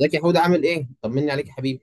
ازيك يا حود، عامل ايه؟ طمني عليك يا حبيبي.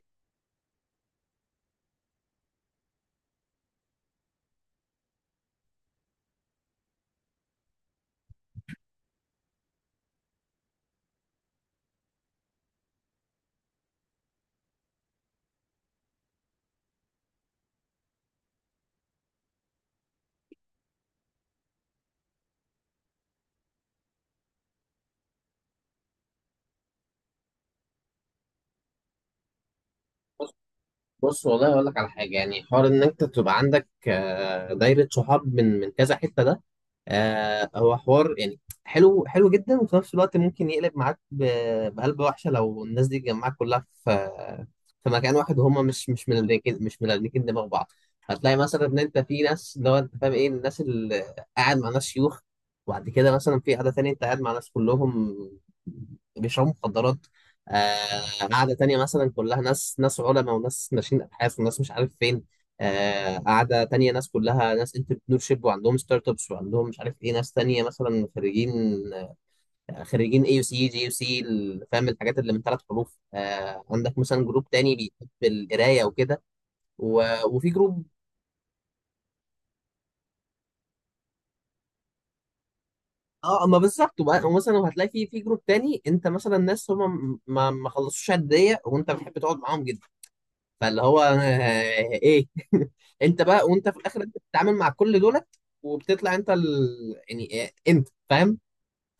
بص، والله اقول لك على حاجه، يعني حوار ان انت تبقى عندك دايره صحاب من كذا حته، ده هو حوار يعني حلو حلو جدا، وفي نفس الوقت ممكن يقلب معاك بقلب وحشه لو الناس دي اتجمعت كلها في مكان واحد، وهم مش ملكين دماغ بعض. هتلاقي مثلا ان انت في ناس، اللي هو انت فاهم ايه، الناس اللي قاعد مع ناس شيوخ، وبعد كده مثلا في قعده تانية انت قاعد مع ناس كلهم بيشربوا مخدرات، قعده تانية مثلا كلها ناس علماء وناس ناشئين ابحاث وناس مش عارف فين، قاعدة تانية ناس كلها ناس انتربرنور شيب وعندهم ستارت ابس وعندهم مش عارف ايه، ناس تانية مثلا خريجين، خريجين AUC، GUC. فاهم الحاجات اللي من ثلاث حروف؟ عندك مثلا جروب تاني بيحب القراية وكده، وفي جروب. اه، ما بالظبط. ومثلا هتلاقي في في جروب تاني، انت مثلا ناس هم ما خلصوش عديه وانت بتحب تقعد معاهم جدا، فاللي هو ايه انت بقى وانت في الاخر انت بتتعامل مع كل دولت، وبتطلع انت يعني إيه، انت فاهم.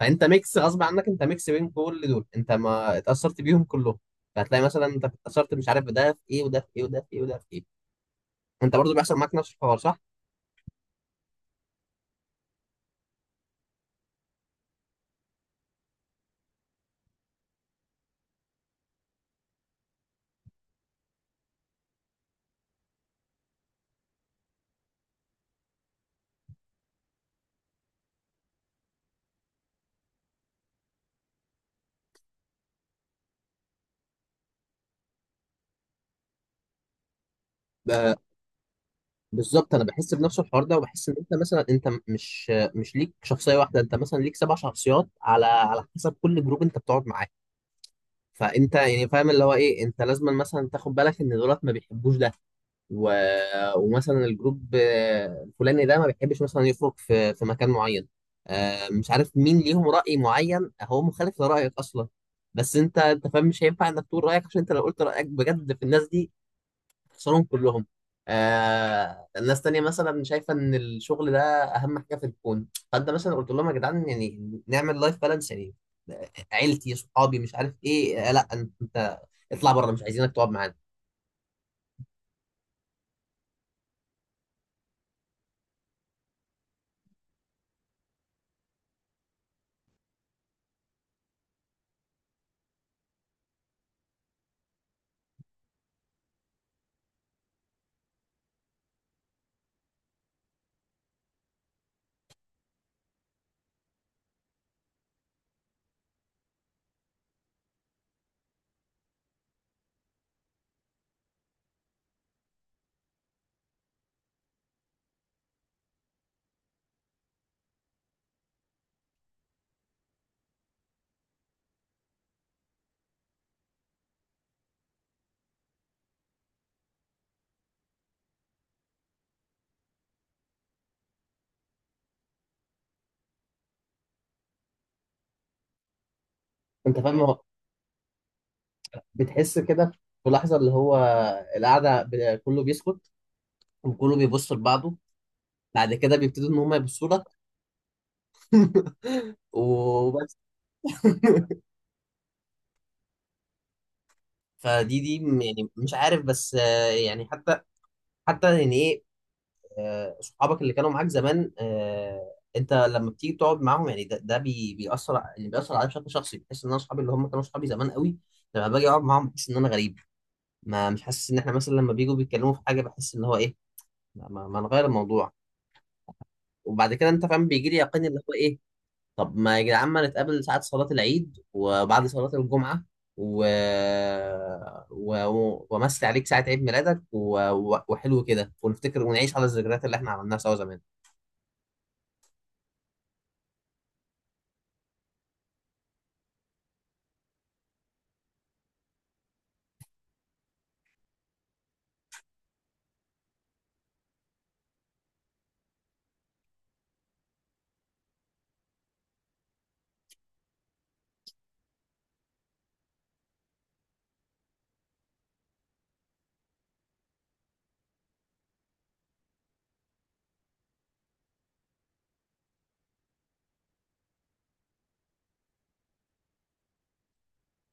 فانت ميكس غصب عنك، انت ميكس بين كل دول، انت ما اتاثرت بيهم كلهم، فهتلاقي مثلا انت اتاثرت مش عارف بده في ايه وده في ايه وده في ايه وده في ايه. انت برضو بيحصل معاك نفس الحوار، صح؟ ب- بالظبط، انا بحس بنفس الحوار ده، وبحس ان انت مثلا انت مش ليك شخصيه واحده، انت مثلا ليك سبع شخصيات على حسب كل جروب انت بتقعد معاه. فانت يعني فاهم اللي هو ايه، انت لازم مثلا تاخد بالك ان دولت ما بيحبوش ده، و... ومثلا الجروب الفلاني ده ما بيحبش مثلا يخرج في مكان معين، مش عارف مين ليهم رأي معين هو مخالف لرأيك أصلا. بس أنت فاهم مش هينفع إنك تقول رأيك، عشان أنت لو قلت رأيك بجد في الناس دي خسرهم كلهم. الناس تانية مثلا شايفة إن الشغل ده أهم حاجة في الكون، فأنت مثلا قلت لهم يا جدعان يعني نعمل لايف بالانس يعني، عيلتي صحابي مش عارف إيه، آه لا أنت اطلع بره مش عايزينك تقعد معانا. أنت فاهم، هو بتحس كده في لحظة، اللي هو القعدة كله بيسكت وكله بيبص لبعضه، بعد كده بيبتدوا إن هم يبصوا لك وبس. فدي يعني مش عارف، بس يعني حتى يعني ايه، صحابك اللي كانوا معاك زمان، انت لما بتيجي تقعد معاهم يعني ده يعني بيأثر عليا بشكل شخصي، بحس ان انا اصحابي اللي هم كانوا اصحابي زمان قوي لما باجي اقعد معاهم بحس ان انا غريب. ما مش حاسس ان احنا مثلا لما بيجوا بيتكلموا في حاجه، بحس ان هو ايه، ما نغير الموضوع. وبعد كده انت فاهم بيجي لي يقين اللي هو ايه، طب ما يا جدعان ما نتقابل ساعه صلاه العيد وبعد صلاه الجمعه، و... وامسي عليك ساعه عيد ميلادك، وحلو كده ونفتكر ونعيش على الذكريات اللي احنا عملناها سوا زمان.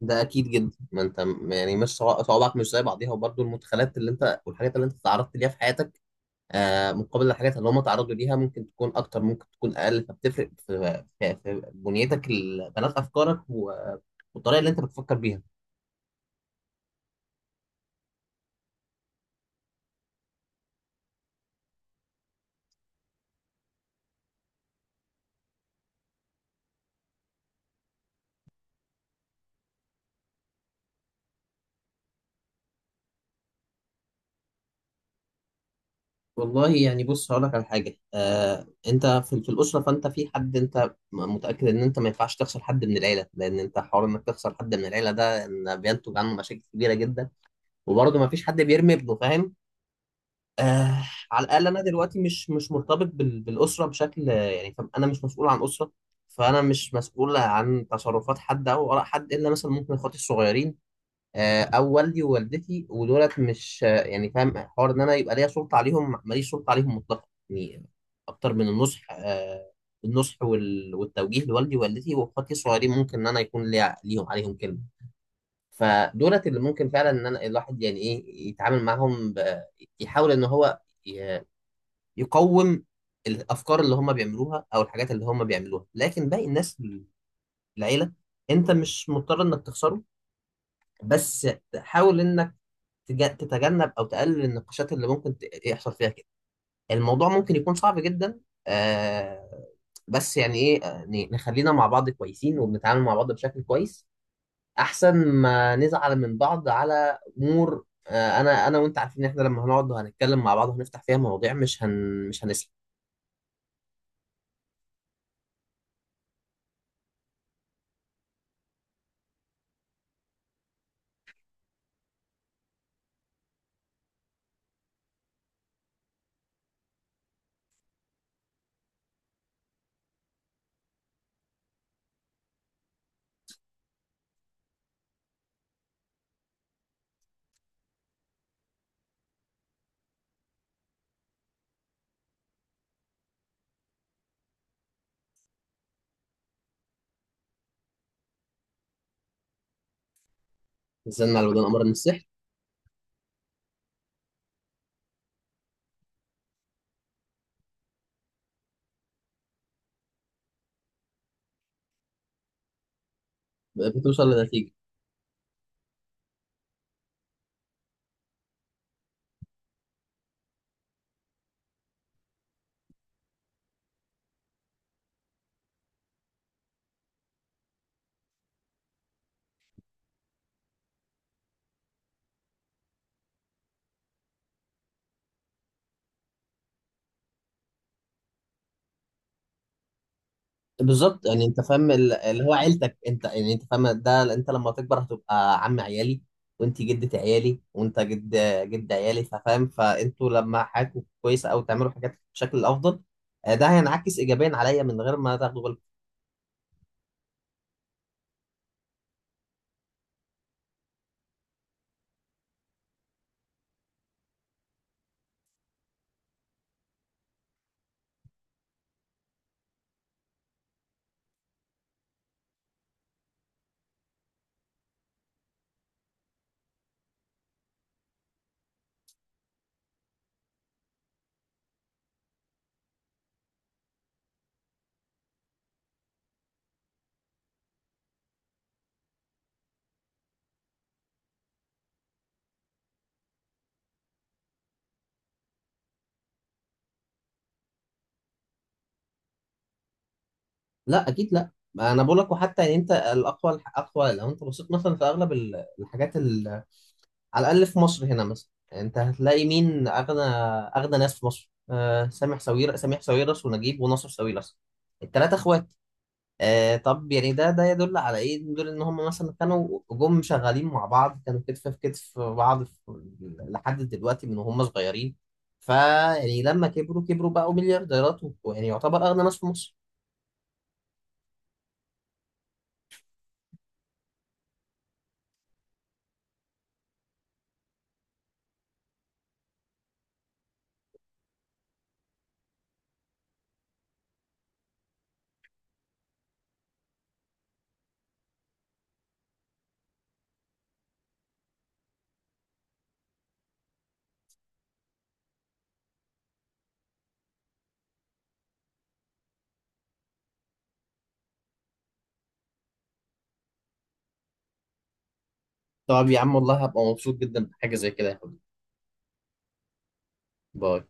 ده اكيد جدا، ما انت يعني مش صوابعك مش زي بعضيها، وبرضه المدخلات اللي انت والحاجات اللي انت تعرضت ليها في حياتك مقابل الحاجات اللي هم تعرضوا ليها، ممكن تكون اكتر ممكن تكون اقل، فبتفرق في بنيتك، بنات افكارك والطريقه اللي انت بتفكر بيها. والله يعني بص هقول لك على حاجه، انت في الاسره، فانت في حد انت متاكد ان انت ما ينفعش تخسر حد من العيله، لان انت حوار انك تخسر حد من العيله ده إن بينتج عنه مشاكل كبيره جدا. وبرضه ما فيش حد بيرمي ابنه، فاهم؟ آه على الاقل انا دلوقتي مش مرتبط بالاسره بشكل، يعني فاهم؟ انا مش مسؤول عن اسره، فانا مش مسؤول عن تصرفات حد او اراء حد، الا مثلا ممكن اخواتي الصغيرين، او والدي ووالدتي، ودولت مش يعني فاهم، حوار ان انا يبقى ليا سلطه عليهم. ماليش سلطه عليهم مطلقا، يعني اكتر من النصح، النصح والتوجيه لوالدي ووالدتي واخواتي الصغيرين ممكن ان انا يكون ليا ليهم عليهم كلمه. فدولت اللي ممكن فعلا ان انا الواحد يعني ايه يتعامل معاهم يحاول ان هو يقوم الافكار اللي هم بيعملوها او الحاجات اللي هم بيعملوها. لكن باقي الناس في العيله انت مش مضطر انك تخسره، بس حاول انك تتجنب او تقلل النقاشات اللي ممكن يحصل فيها كده. الموضوع ممكن يكون صعب جدا، آه بس يعني ايه، نخلينا مع بعض كويسين وبنتعامل مع بعض بشكل كويس، احسن ما نزعل من بعض على امور، انا وانت عارفين ان احنا لما هنقعد وهنتكلم مع بعض وهنفتح فيها مواضيع مش هنسلم. نزلنا على ودان، امر النصيحة. بتوصل لنتيجه. بالظبط، يعني انت فاهم اللي هو عيلتك، انت يعني انت فاهم ده، انت لما تكبر هتبقى عم عيالي، وانت جدة عيالي، وانت جد عيالي، فاهم؟ فانتوا لما حياتكم كويسه او تعملوا حاجات بشكل افضل، ده هينعكس ايجابيا عليا من غير ما تاخدوا بالكم. لا اكيد لا، ما انا بقول لك. وحتى يعني انت الاقوى، الاقوى لو انت بصيت مثلا في اغلب الحاجات على الأقل في مصر هنا مثلا. يعني أنت هتلاقي مين أغنى ناس في مصر سامح سويرس ونجيب وناصر سويرس، التلاتة إخوات. طب يعني ده يدل على إيه؟ يدل إن هم مثلا كانوا جم شغالين مع بعض، كانوا كتف في كتف في بعض لحد دلوقتي من وهم صغيرين. فيعني لما كبروا، كبروا بقوا مليارديرات، ويعني يعتبر أغنى ناس في مصر. طب يا عم والله هبقى مبسوط جدا بحاجة زي كده يا حبيبي. باي.